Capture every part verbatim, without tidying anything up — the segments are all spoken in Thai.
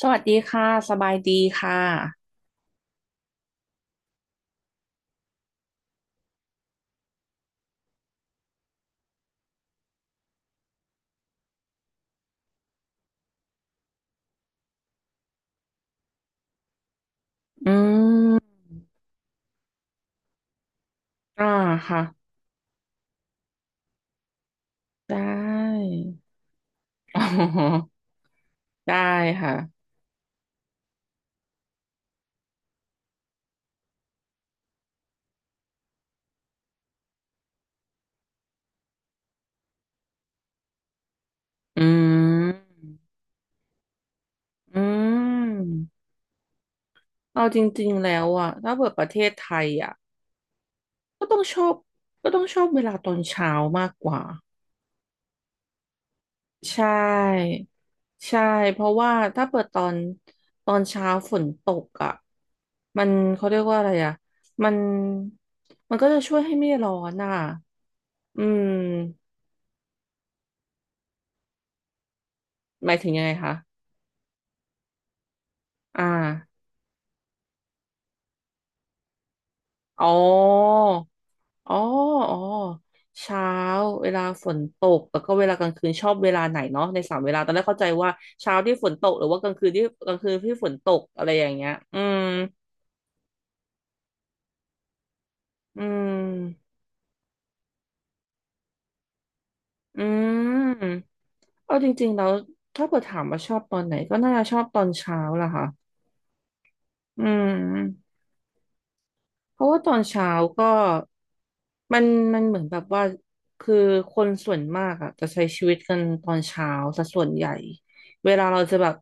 สวัสดีค่ะ สบายดีค่ะ อืมอ่าค่ะได้ อ๋อได้ค่ะ อืม อืมเอาจริงๆแล้วอะถ้าเปิดประเทศไทยอะก็ต้องชอบก็ต้องชอบเวลาตอนเช้ามากกว่า ใช่ใช่เพราะว่าถ้าเปิดตอนตอนเช้าฝนตกอ่ะมันเขาเรียกว่าอะไรอ่ะมันมันก็จะช่วยให้ไม่ร้อนอ่ะอืมหมายถึงยังไงคะอ่าอ๋ออ๋ออ๋อเช้าเวลาฝนตกแล้วก็เวลากลางคืนชอบเวลาไหนเนาะในสามเวลาตอนแรกเข้าใจว่าเช้าที่ฝนตกหรือว่ากลางคืนที่กลางคืนที่ฝนตกอะไรอย่างเงี้ยอืมอืมอืม เอาจริงๆแล้วถ้าเกิดถามว่าชอบตอนไหนก็น่าจะชอบตอนเช้าล่ะค่ะอืมเพราะว่าตอนเช้าก็มันมันเหมือนแบบว่าคือคนส่วนมากอะจะใช้ชีวิตกันตอนเช้าซะส่วนใหญ่เวลาเราจะแบบ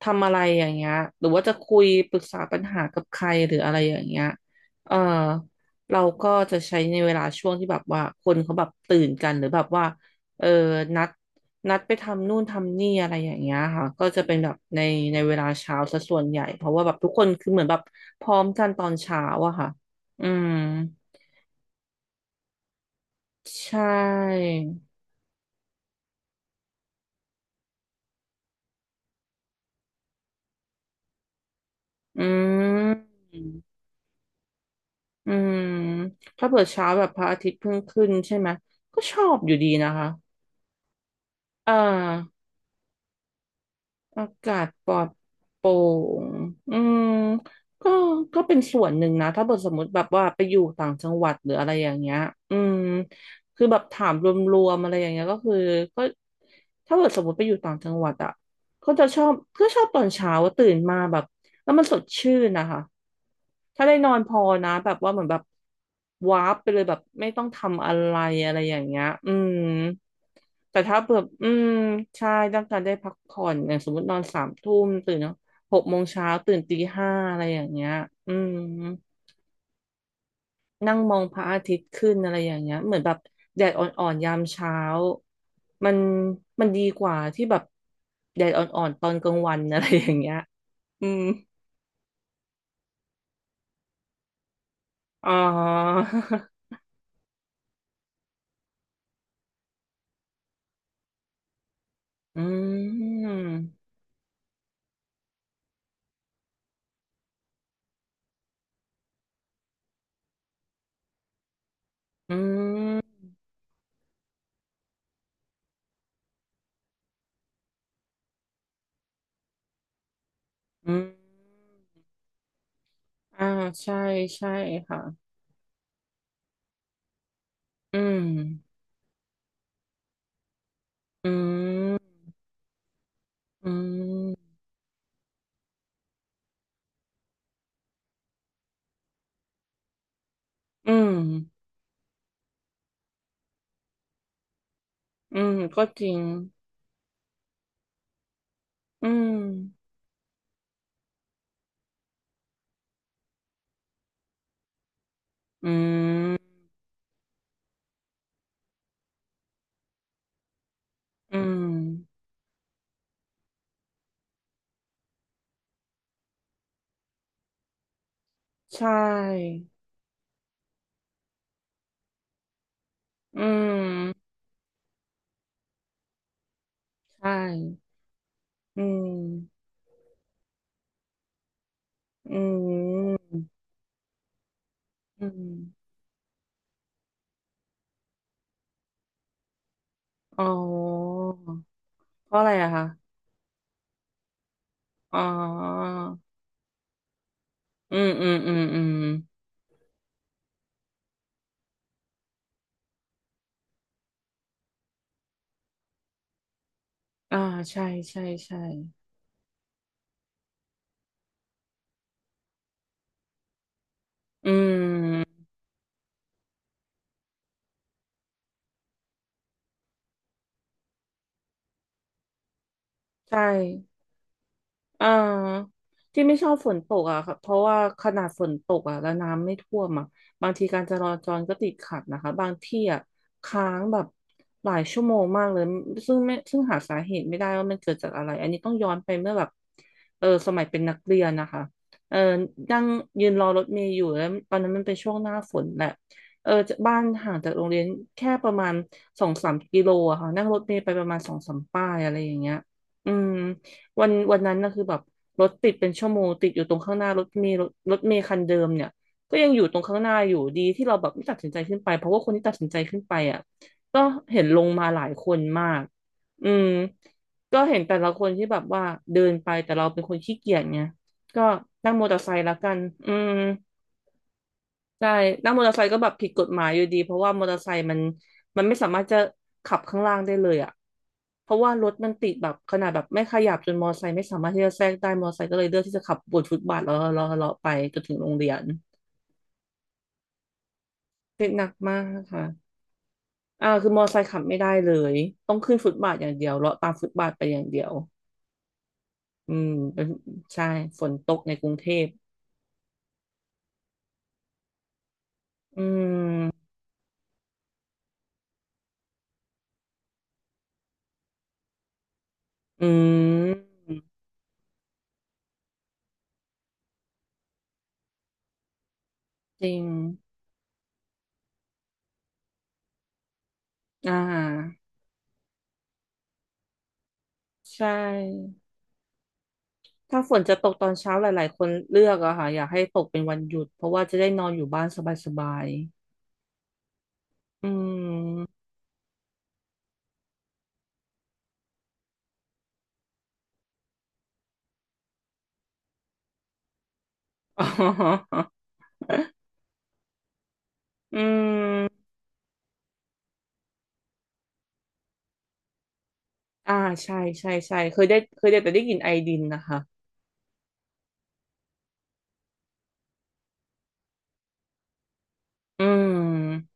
ทำอะไรอย่างเงี้ยหรือว่าจะคุยปรึกษาปัญหากับใครหรืออะไรอย่างเงี้ยเออเราก็จะใช้ในเวลาช่วงที่แบบว่าคนเขาแบบตื่นกันหรือแบบว่าเออนัด นัดไปทำนู่นทำนี่อะไรอย่างเงี้ยค่ะก็จะเป็นแบบในในเวลาเช้าซะส่วนใหญ่เพราะว่าแบบทุกคนคือเหมือนแบบพร้อมกันตอนเช้าอะค่ะอืมใช่อืมอืมถ้าเปิดเช้าแบบพระอาทิตย์เพิ่งขึ้นใช่ไหมก็ชอบอยู่ดีนะคะเออ อากาศปลอดโปร่งอืมก็ก็เป็นส่วนหนึ่งนะถ้าเกิดสมมติแบบว่าไปอยู่ต่างจังหวัดหรืออะไรอย่างเงี้ยอืมคือแบบถามรวมๆอะไรอย่างเงี้ยก็คือก็ถ้าเกิดสมมติไปอยู่ต่างจังหวัดอะ ก็จะชอบก็ชอบตอนเช้าตื่นมาแบบแล้วมันสดชื่นนะคะถ้าได้นอนพอนะแบบว่าเหมือนแบบวาร์ปไปเลยแบบไม่ต้องทำอะไรอะไรอย่างเงี้ยอืมแต่ถ้าแบบอืมใช่ต้องการได้พักผ่อนอย่างสมมตินอนสามทุ่มตื่นหกโมงเช้าตื่นตีห้าอะไรอย่างเงี้ยอืม นั่งมองพระอาทิตย์ขึ้นอะไรอย่างเงี้ย เหมือนแบบแดดอ่อนๆยามเช้ามันมันดีกว่าที่แบบแดดอ่อนๆตอนกลางวัน อะไรอย่างเงี้ยอืมอ๋อ อืมอืมอืมอ่าใช่ใช่ค่ะอืมอืมอืมอืมอืมก็จริงอืมอืมอืมใช่อืมใช่ อืมอืมอืมอ๋อเพราะอะไรอะคะอ๋ออืมอืมอืมอืมอ่าใช่ใช่ใช่อืมใช่ อ่าที่ไม่ชอบฝนตกอ่ะค่ะเพราะว่าขนาดฝนตกอ่ะแล้วน้ำไม่ท่วมอ่ะบางทีการจราจรก็ติดขัดนะคะบางที่อ่ะค้างแบบหลายชั่วโมงมากเลยซึ่งไม่ซึ่งหาสาเหตุไม่ได้ว่ามันเกิดจากอะไรอันนี้ต้องย้อนไปเมื่อแบบเออสมัยเป็นนักเรียนนะคะเออนั่งยืนรอรถเมล์อยู่แล้วตอนนั้นมันเป็นช่วงหน้าฝนแหละเออจากบ้านห่างจากโรงเรียนแค่ประมาณสองสามกิโลอะค่ะนั่งรถเมล์ไปประมาณสองสามป้ายอะไรอย่างเงี้ยอืม วันวันนั้นนะคือแบบรถติดเป็นชั่วโมงติดอยู่ตรงข้างหน้ารถเมล์รถรถเมล์คันเดิมเนี่ยก็ยังอยู่ตรงข้างหน้าอยู่ดีที่เราแบบไม่ตัดสินใจขึ้นไปเพราะว่าคนที่ตัดสินใจขึ้นไปอ่ะก็เห็นลงมาหลายคนมากอืมก็เห็นแต่ละคนที่แบบว่าเดินไปแต่เราเป็นคนขี้เกียจไงก็นั่งมอเตอร์ไซค์ละกันอืม ได้นั่งมอเตอร์ไซค์ก็แบบผิดกฎหมายอยู่ดีเพราะว่ามอเตอร์ไซค์มันมันไม่สามารถจะขับข้างล่างได้เลยอ่ะเพราะว่ารถมันติดแบบขนาดแบบไม่ขยับจนมอเตอร์ไซค์ไม่สามารถที่จะแทรกได้มอเตอร์ไซค์ก็เลยเลือกที่จะขับบนฟุตบาทแล้วเลาะเลาะไปจนถึงโรงเรียนติดหนักมากค่ะอ่าคือมอเตอร์ไซค์ขับไม่ได้เลยต้องขึ้นฟุตบาทอย่างเดียวเลาะตามฟุตบาทไปอย่างเดียวอืมเป็นใช่ฝนตกในกรุงเทพอืมอืมจริงอ่าใช่ ถ้าฝนจะตกตอนเช้าหลายๆคนเลือกอะค่ะอยากให้ตกเป็นวันหยุดเพราะว่าจะได้นอนอยู่บ้านสบายๆ อืม อ๋ออืมอ่าใช่ใช่ใช่เคยได้เคยได้แต่ได้กลิ่นไอดินนะคะอืม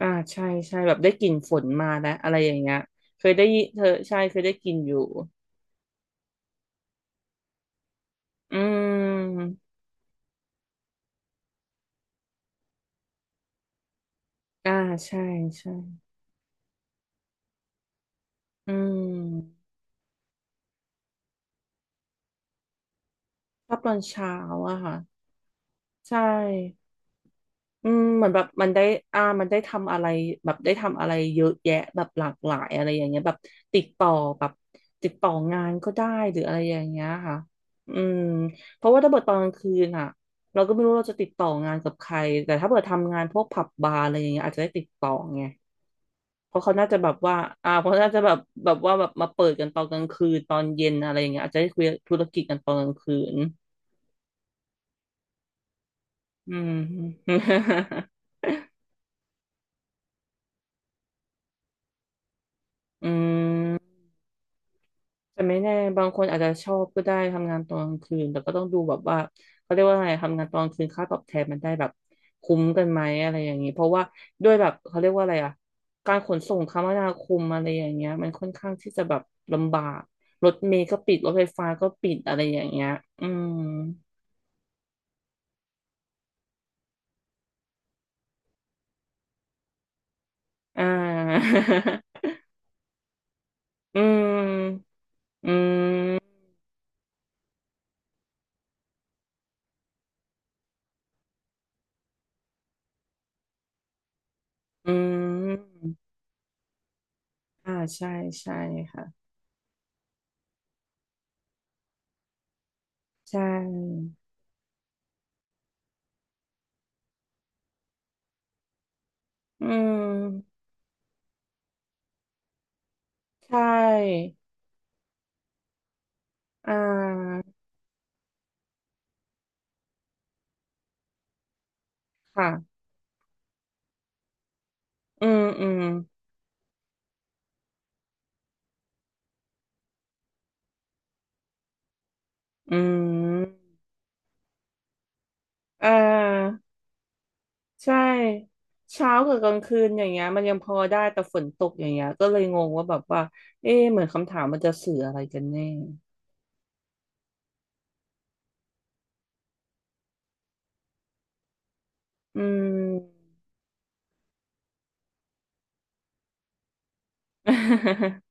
อ่าใช่ใช่แบบได้กลิ่นฝนมาแล้วอะไรอย่างเงี้ยเคยได้ยิเธอใช่เคยได้กลิ่นอยู่อืมอ่าใช่ใช่อืมชอบตอนเช้าอะค่ะใช่ อืมเหมือนแบบมันได้อ่ามันได้ทำอะไรแบบได้ทำอะไรเยอะแยะแบบหลากหลายอะไรอย่างเงี้ยแบบติดต่อแบบติดต่องานก็ได้หรืออะไรอย่างเงี้ยค่ะอืมเพราะว่าถ้าเกิดตอนกลางคืนอ่ะเราก็ไม่รู้เราจะติดต่องานกับใครแต่ถ้าเกิดทำงานพวกผับบาร์อะไรอย่างเงี้ยอาจจะได้ติดต่อไงเพราะเขาน่าจะแบบว่าอ่าเพราะน่าจะแบบแบบว่าแบบมาเปิดกันตอนกลางคืนตอนเย็นอะไรอย่างเงี้ยอาจจะได้คุยธุรกิจกันตอนกลางคืนอืม อืม แต่ไม่แน่บางคนอาจจะชอบก็ได้ทำงานตอนกลางคืนแต่ก็ต้องดูแบบว่าเขาเรียกว่าไงทำงานตอนกลางคืนค่าตอบแทนมันได้แบบคุ้มกันไหมอะไรอย่างนี้เพราะว่าด้วยแบบเขาเรียกว่าอะไรอ่ะการขนส่งคมนาคมอะไรอย่างเงี้ยมันค่อนข้างที่จะแบบลำบากรถเมล์ก็ปิดรถไฟฟ้าก็ปิดอะไรอย่างเงี้ยอืมอ่า อืมอืมอืมอ่าใช่ใช่ค่ะใช่อืมใช่อ่า ค่ะอืมอืมอืมอ่าใช่เช้ากับกลางคืนอย่างเงี้ยมันยังพอได้แต่ฝนตกอย่างเงี้ยก็เลยงงว่าแบบว่าเอ๊ะเหมือนคำถามมันจะสื่ออะไรกันแน่อืม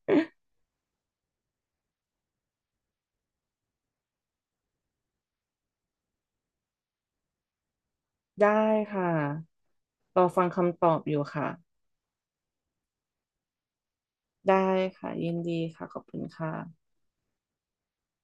ได้ค่ะรอฟังคำตอบอยู่ค่ะ ได้ค่ะ ยินดีค่ะ ขอบคุณค่ะ